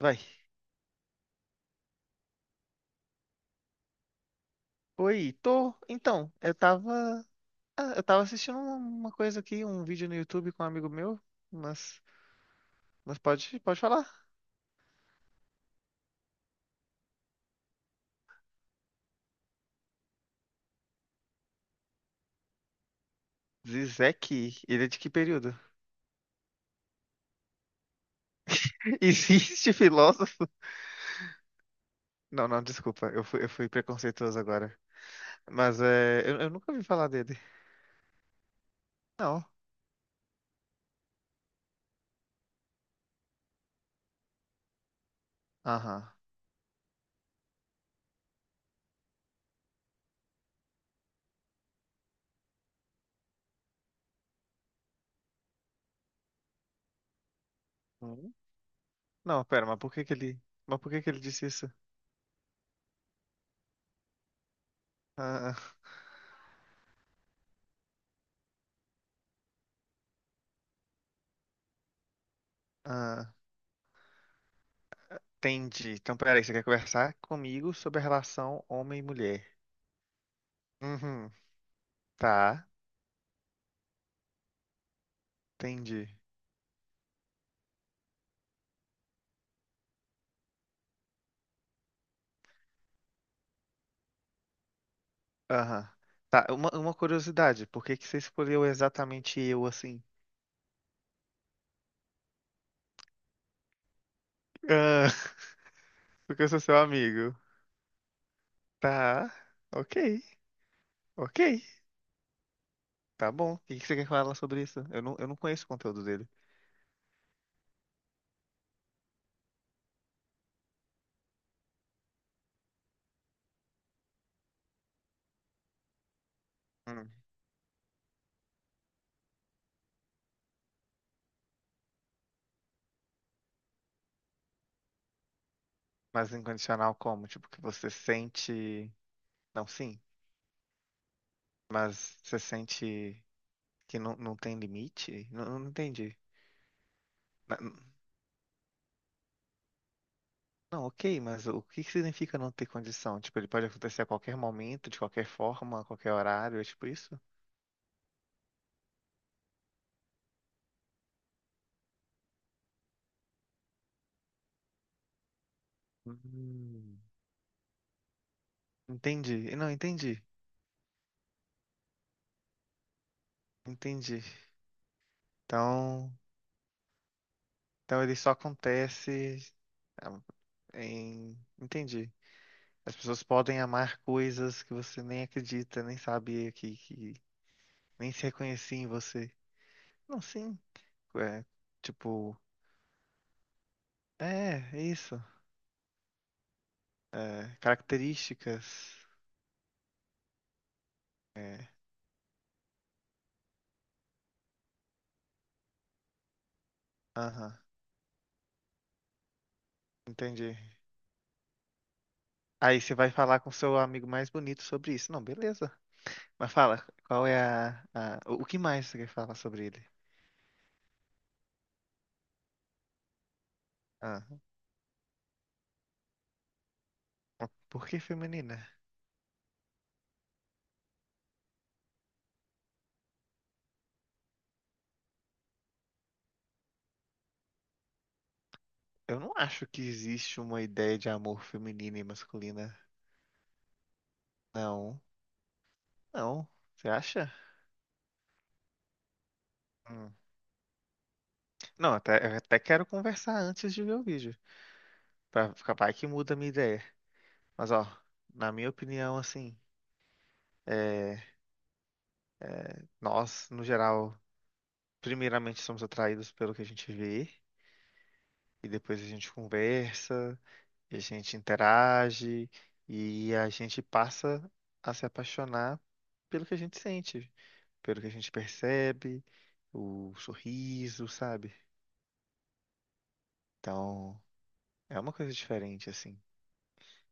Vai. Oi, tô. Eu tava assistindo uma coisa aqui, um vídeo no YouTube com um amigo meu, mas. Mas pode falar. Zizek, ele é de que período? Existe filósofo? Não, não, desculpa, eu fui preconceituoso agora. Eu nunca ouvi falar dele. Não. Aham. Hum? Não, pera, mas por que que ele. Mas por que que ele disse isso? Ah, ah, ah, entendi. Então, peraí, você quer conversar comigo sobre a relação homem e mulher? Uhum. Tá, entendi. Aham. Tá, uma curiosidade, por que que você escolheu exatamente eu assim? Ah, porque eu sou seu amigo. Tá, ok, ok, tá bom. O que que você quer falar sobre isso? Eu não conheço o conteúdo dele. Hum. Mas incondicional como? Tipo, que você sente. Não, sim, mas você sente que não tem limite? Não, não entendi. Na- Não, ok, mas o que que significa não ter condição? Tipo, ele pode acontecer a qualquer momento, de qualquer forma, a qualquer horário, é tipo isso? Hum. Entendi. Não, entendi. Entendi. Então, então ele só acontece em... Entendi. As pessoas podem amar coisas que você nem acredita, nem sabia que nem se reconhecia em você. Não, sim. É, tipo, é isso. É, características. É, aham, entendi. Aí você vai falar com seu amigo mais bonito sobre isso. Não, beleza. Mas fala, qual é o o que mais você quer falar sobre ele? Ah. Porque feminina? Eu não acho que existe uma ideia de amor feminina e masculina. Não, não. Você acha? Hum. Não, até, eu até quero conversar antes de ver o vídeo. Pra ficar vai que muda a minha ideia. Mas, ó, na minha opinião, assim, é, nós, no geral, primeiramente somos atraídos pelo que a gente vê, e depois a gente conversa, e a gente interage, e a gente passa a se apaixonar pelo que a gente sente, pelo que a gente percebe, o sorriso, sabe? Então, é uma coisa diferente, assim.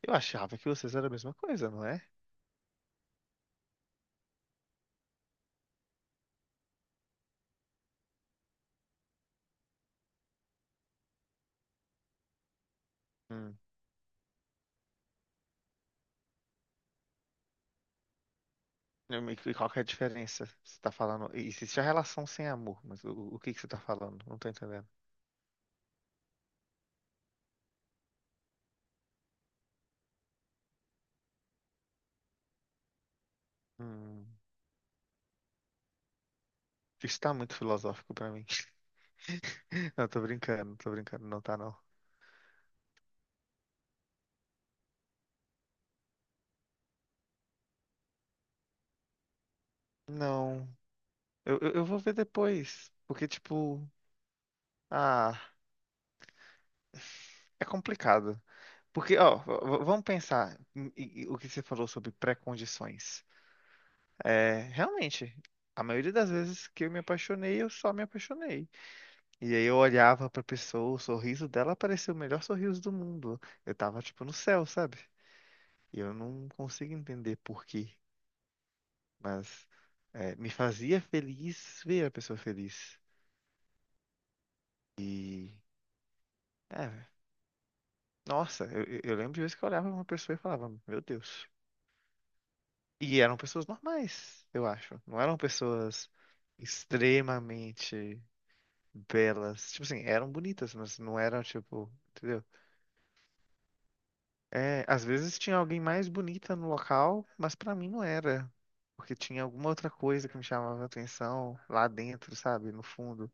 Eu achava que vocês eram a mesma coisa, não é? Hum. E qual que é a diferença? Você tá falando. Existe a relação sem amor, mas o que que você tá falando? Não tô entendendo. Hum. Isso tá muito filosófico pra mim. Não, tô brincando, não tá não. Não. Eu vou ver depois. Porque, tipo, ah, é complicado. Porque, ó, vamos pensar em o que você falou sobre pré-condições. É, realmente, a maioria das vezes que eu me apaixonei, eu só me apaixonei. E aí eu olhava pra pessoa, o sorriso dela parecia o melhor sorriso do mundo. Eu tava, tipo, no céu, sabe? E eu não consigo entender por quê, mas é, me fazia feliz ver a pessoa feliz. E, é, nossa, eu, eu lembro de vezes que eu olhava pra uma pessoa e falava, meu Deus. E eram pessoas normais, eu acho. Não eram pessoas extremamente belas. Tipo assim, eram bonitas, mas não eram tipo, entendeu? É, às vezes tinha alguém mais bonita no local, mas pra mim não era. Porque tinha alguma outra coisa que me chamava a atenção lá dentro, sabe? No fundo.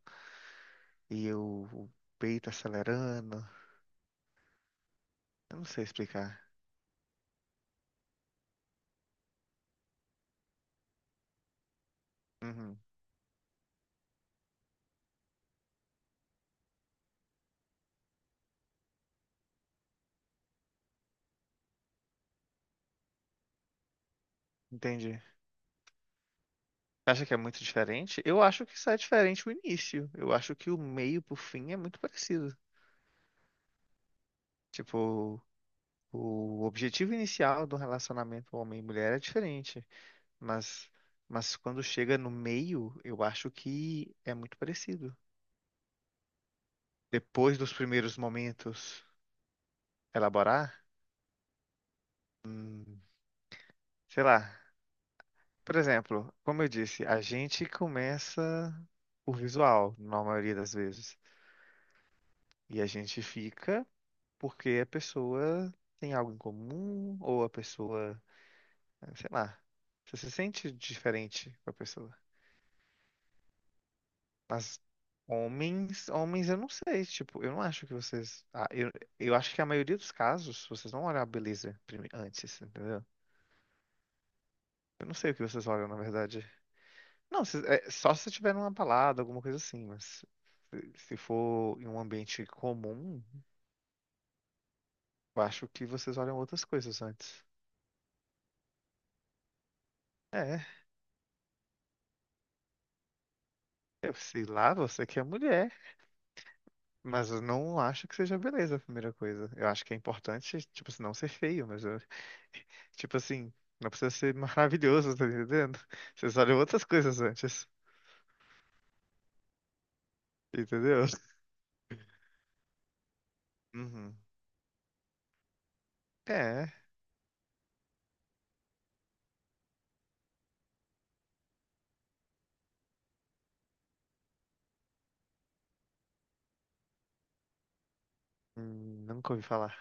E eu, o peito acelerando. Eu não sei explicar. Uhum, entendi. Acha que é muito diferente? Eu acho que só é diferente o início. Eu acho que o meio pro fim é muito parecido. Tipo, o objetivo inicial do relacionamento homem e mulher é diferente, mas, mas quando chega no meio, eu acho que é muito parecido. Depois dos primeiros momentos, elaborar, hum, sei lá. Por exemplo, como eu disse, a gente começa por visual, na maioria das vezes, e a gente fica porque a pessoa tem algo em comum ou a pessoa, sei lá, você se sente diferente com a pessoa. Mas homens, eu não sei, tipo, eu não acho que vocês. Eu acho que a maioria dos casos, vocês não olham a beleza antes, entendeu? Eu não sei o que vocês olham, na verdade. Não, é, só se tiver numa balada, alguma coisa assim, mas se for em um ambiente comum, eu acho que vocês olham outras coisas antes. É, eu sei lá, você que é mulher, mas eu não acho que seja beleza a primeira coisa. Eu acho que é importante, tipo, assim, não ser feio, mas eu tipo assim, não precisa ser maravilhoso, tá entendendo? Vocês olham outras coisas antes, entendeu? Uhum. É, nunca ouvi falar.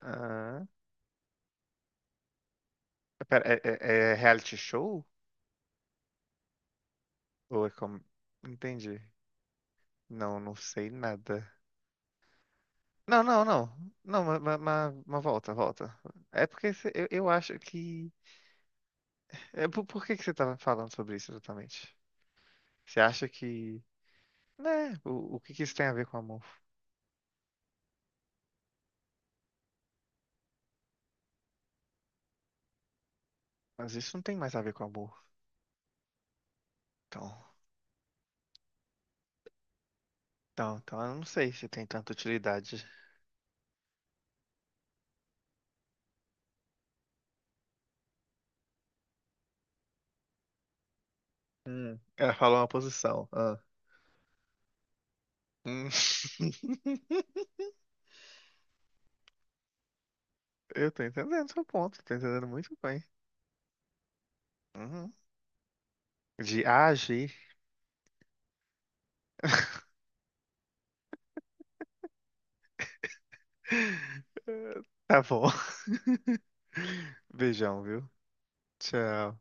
Ah, pera, é, é reality show? Ou é como... Entendi. Não, não sei nada. Não, não, não. Não, mas, mas volta, volta. É porque eu acho que... É, por que que você tava falando sobre isso exatamente? Você acha que... Né, o que que isso tem a ver com amor? Mas isso não tem mais a ver com amor. Então... então eu não sei se tem tanta utilidade. Ela falou uma posição. Ah. Hum. Eu tô entendendo seu ponto, tô entendendo muito bem. Uhum. De agir. Tá bom. Beijão, viu? Tchau.